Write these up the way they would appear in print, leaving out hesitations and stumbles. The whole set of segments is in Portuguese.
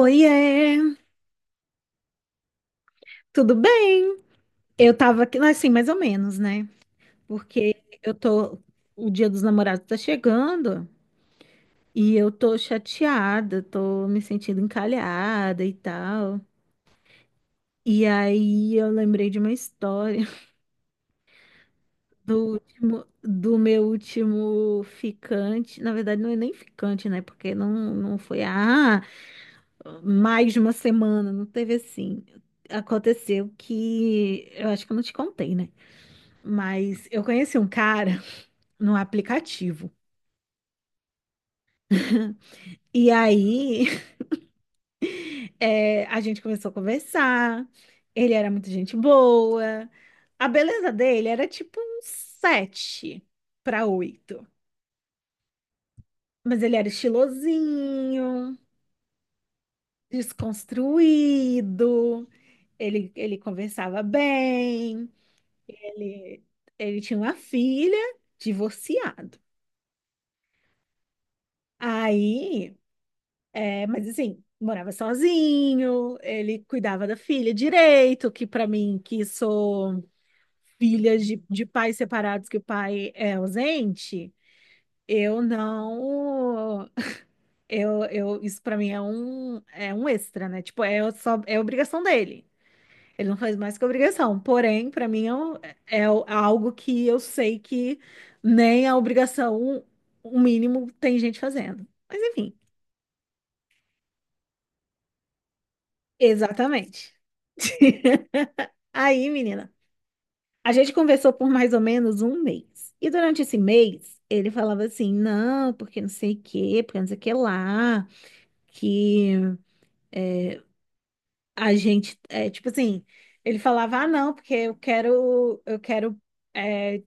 Oiê, tudo bem? Eu tava aqui, assim, mais ou menos, né? Porque eu tô, o Dia dos Namorados tá chegando e eu tô chateada, tô me sentindo encalhada e tal. E aí eu lembrei de uma história do último, do meu último ficante. Na verdade, não é nem ficante, né? Porque não foi, mais de uma semana, não teve assim. Aconteceu que, eu acho que eu não te contei, né? Mas eu conheci um cara no aplicativo. E aí, a gente começou a conversar. Ele era muito gente boa. A beleza dele era tipo um 7 para oito. Mas ele era estilosinho, desconstruído. Ele conversava bem. Ele, ele tinha uma filha, divorciado. Aí é, mas assim, morava sozinho, ele cuidava da filha direito, que para mim, que sou filha de pais separados, que o pai é ausente, eu não. Isso para mim é um extra, né? Tipo, é só, é obrigação dele. Ele não faz mais que obrigação. Porém, para mim é, um- é algo que eu sei que nem a obrigação, o mínimo, tem gente fazendo. Mas enfim, exatamente. Aí, menina, a gente conversou por mais ou menos um mês. E durante esse mês, ele falava assim: não, porque não sei o quê, porque não sei o que lá, que a gente, é, tipo assim, ele falava: ah, não, porque é,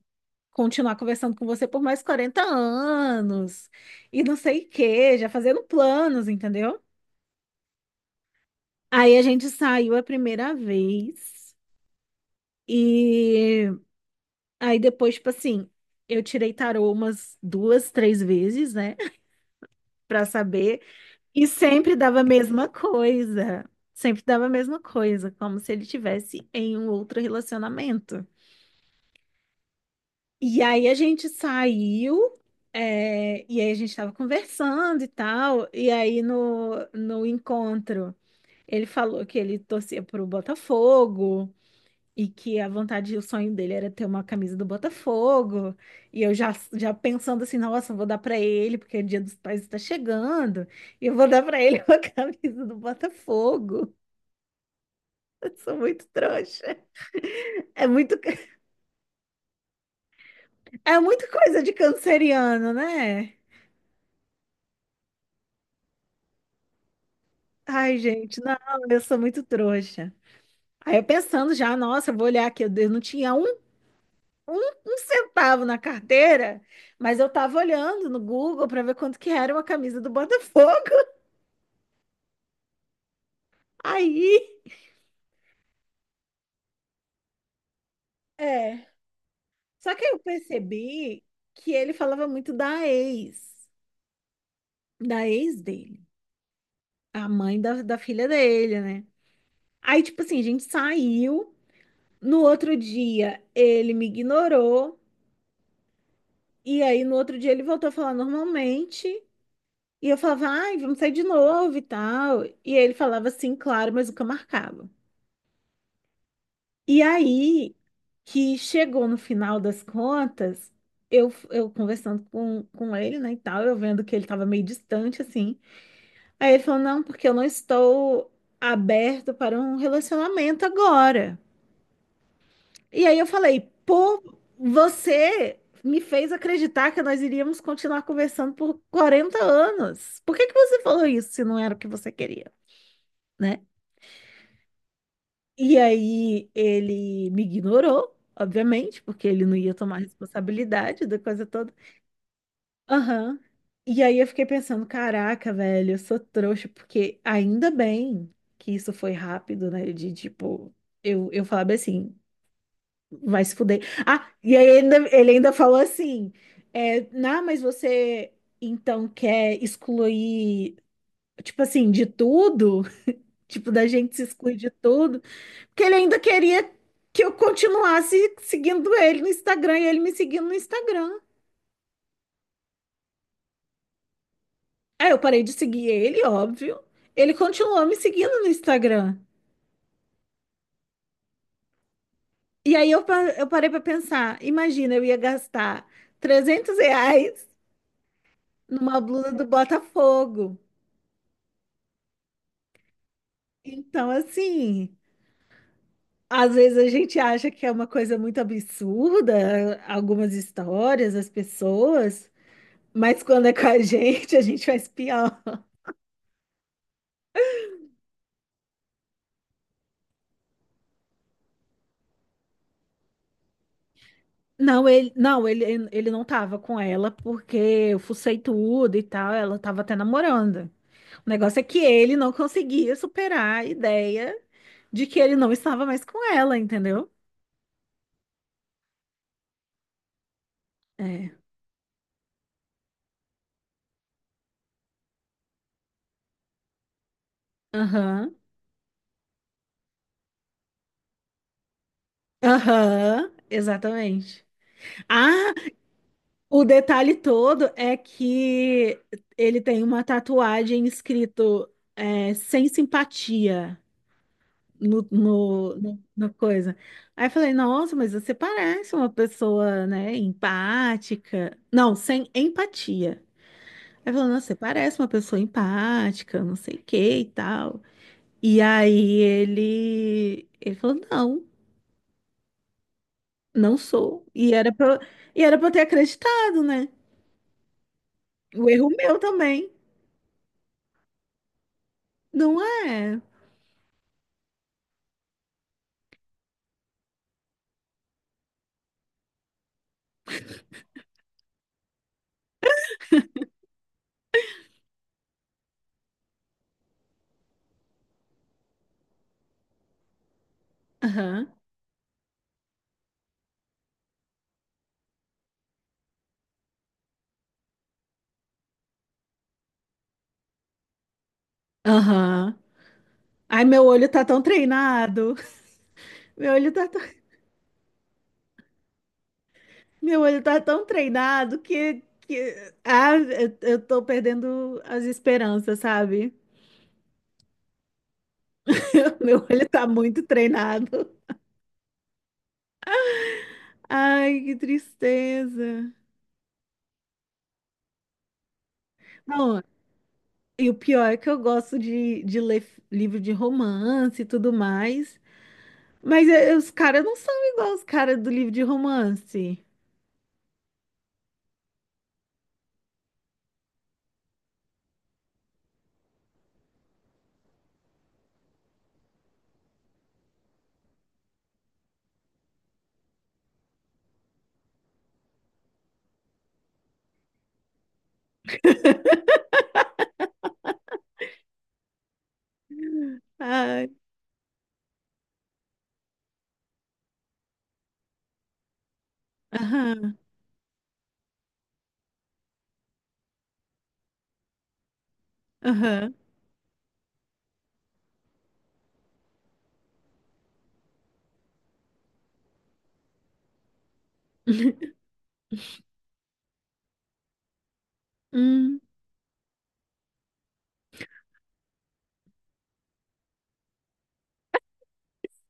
continuar conversando com você por mais 40 anos, e não sei o quê, já fazendo planos, entendeu? Aí a gente saiu a primeira vez. E aí depois, tipo assim, eu tirei tarô umas duas, três vezes, né? Pra saber. E sempre dava a mesma coisa. Sempre dava a mesma coisa, como se ele tivesse em um outro relacionamento. E aí a gente saiu, é, e aí a gente tava conversando e tal. E aí no encontro, ele falou que ele torcia pro Botafogo. E que a vontade, o sonho dele era ter uma camisa do Botafogo. E eu já pensando assim, nossa, eu vou dar para ele, porque o Dia dos Pais está chegando. E eu vou dar para ele uma camisa do Botafogo. Eu sou muito trouxa. É muito, é muito coisa de canceriano, né? Ai, gente, não, eu sou muito trouxa. Aí eu pensando já, nossa, eu vou olhar aqui, eu não tinha um, um centavo na carteira, mas eu tava olhando no Google para ver quanto que era uma camisa do Botafogo. Aí, é. Só que aí eu percebi que ele falava muito da ex dele, a mãe da filha dele, né? Aí, tipo assim, a gente saiu. No outro dia, ele me ignorou. E aí, no outro dia, ele voltou a falar normalmente. E eu falava, ai, vamos sair de novo e tal. E ele falava assim, claro, mas nunca marcava. E aí que chegou no final das contas, eu conversando com ele, né, e tal, eu vendo que ele estava meio distante, assim. Aí ele falou, não, porque eu não estou aberto para um relacionamento agora. E aí eu falei, pô, você me fez acreditar que nós iríamos continuar conversando por 40 anos. Por que que você falou isso se não era o que você queria, né? E aí ele me ignorou, obviamente, porque ele não ia tomar responsabilidade da coisa toda. Aham. E aí eu fiquei pensando, caraca, velho, eu sou trouxa, porque ainda bem que isso foi rápido, né? De tipo, eu falava assim, vai se fuder. Ah, e aí ele ainda falou assim, não, mas você então quer excluir, tipo assim, de tudo? Tipo, da gente se excluir de tudo? Porque ele ainda queria que eu continuasse seguindo ele no Instagram e ele me seguindo no Instagram. Aí eu parei de seguir ele, óbvio. Ele continuou me seguindo no Instagram. E aí eu, eu parei para pensar: imagina, eu ia gastar R$ 300 numa blusa do Botafogo. Então, assim, às vezes a gente acha que é uma coisa muito absurda, algumas histórias, as pessoas, mas quando é com a gente, a gente faz pior. Não, ele não tava com ela porque eu fucei tudo e tal, ela tava até namorando. O negócio é que ele não conseguia superar a ideia de que ele não estava mais com ela, entendeu? É. Aham. Aham, exatamente. Ah, o detalhe todo é que ele tem uma tatuagem escrito sem simpatia. Na coisa. Aí eu falei, nossa, mas você parece uma pessoa, né, empática. Não, sem empatia. Aí falou, nossa, você parece uma pessoa empática, não sei o que e tal. E aí ele falou, não, não sou. E e era pra eu ter acreditado, né? O erro meu também. Não é? Aham, aham. Ai, meu olho tá tão treinado. Meu olho tá Meu olho tá tão treinado que... Ah, eu tô perdendo as esperanças, sabe? Meu olho tá muito treinado. Ai, que tristeza. Não, e o pior é que eu gosto de ler livro de romance e tudo mais, mas os caras não são igual os caras do livro de romance. Ai, aham, aham. Hum.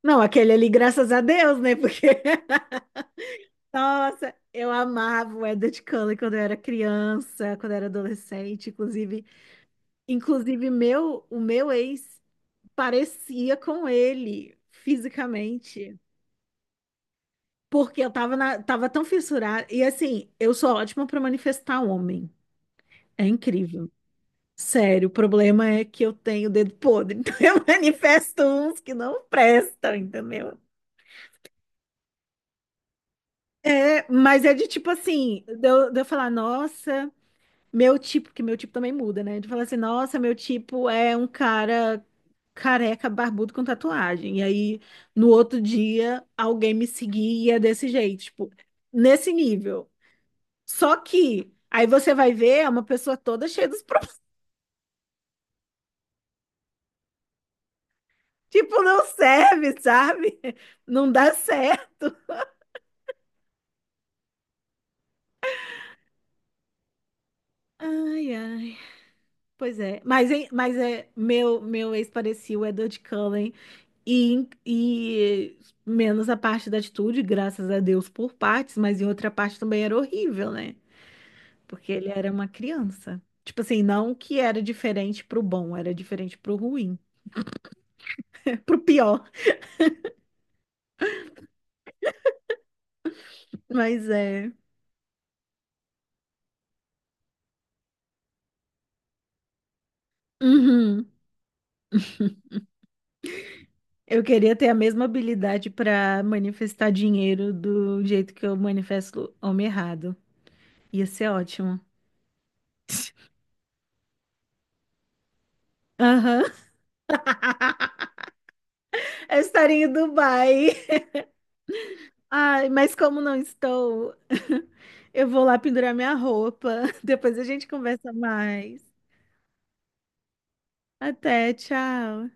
Não, aquele ali, graças a Deus, né? Porque Nossa, eu amava o Edward Cullen quando eu era criança, quando eu era adolescente, inclusive, o meu ex parecia com ele fisicamente, porque eu tava na, tava tão fissurada e assim, eu sou ótima para manifestar homem. É incrível. Sério, o problema é que eu tenho dedo podre, então eu manifesto uns que não prestam, entendeu? É, mas é de tipo assim, de eu falar, nossa, que meu tipo também muda, né? Tu fala assim, nossa, meu tipo é um cara careca, barbudo com tatuagem. E aí, no outro dia, alguém me seguia desse jeito, tipo, nesse nível. Só que aí você vai ver é uma pessoa toda cheia dos problemas. Tipo, não serve, sabe? Não dá certo. Ai, ai. Pois é. Mas, hein, meu ex-parecido, o Edward Cullen. E menos a parte da atitude, graças a Deus por partes, mas em outra parte também era horrível, né? Porque ele era uma criança. Tipo assim, não que era diferente pro bom, era diferente pro ruim, pro pior. Mas é. Uhum. Eu queria ter a mesma habilidade pra manifestar dinheiro do jeito que eu manifesto homem errado. Ia ser ótimo. Aham. Eu estaria em Dubai. Ai, mas como não estou, eu vou lá pendurar minha roupa. Depois a gente conversa mais. Até, tchau.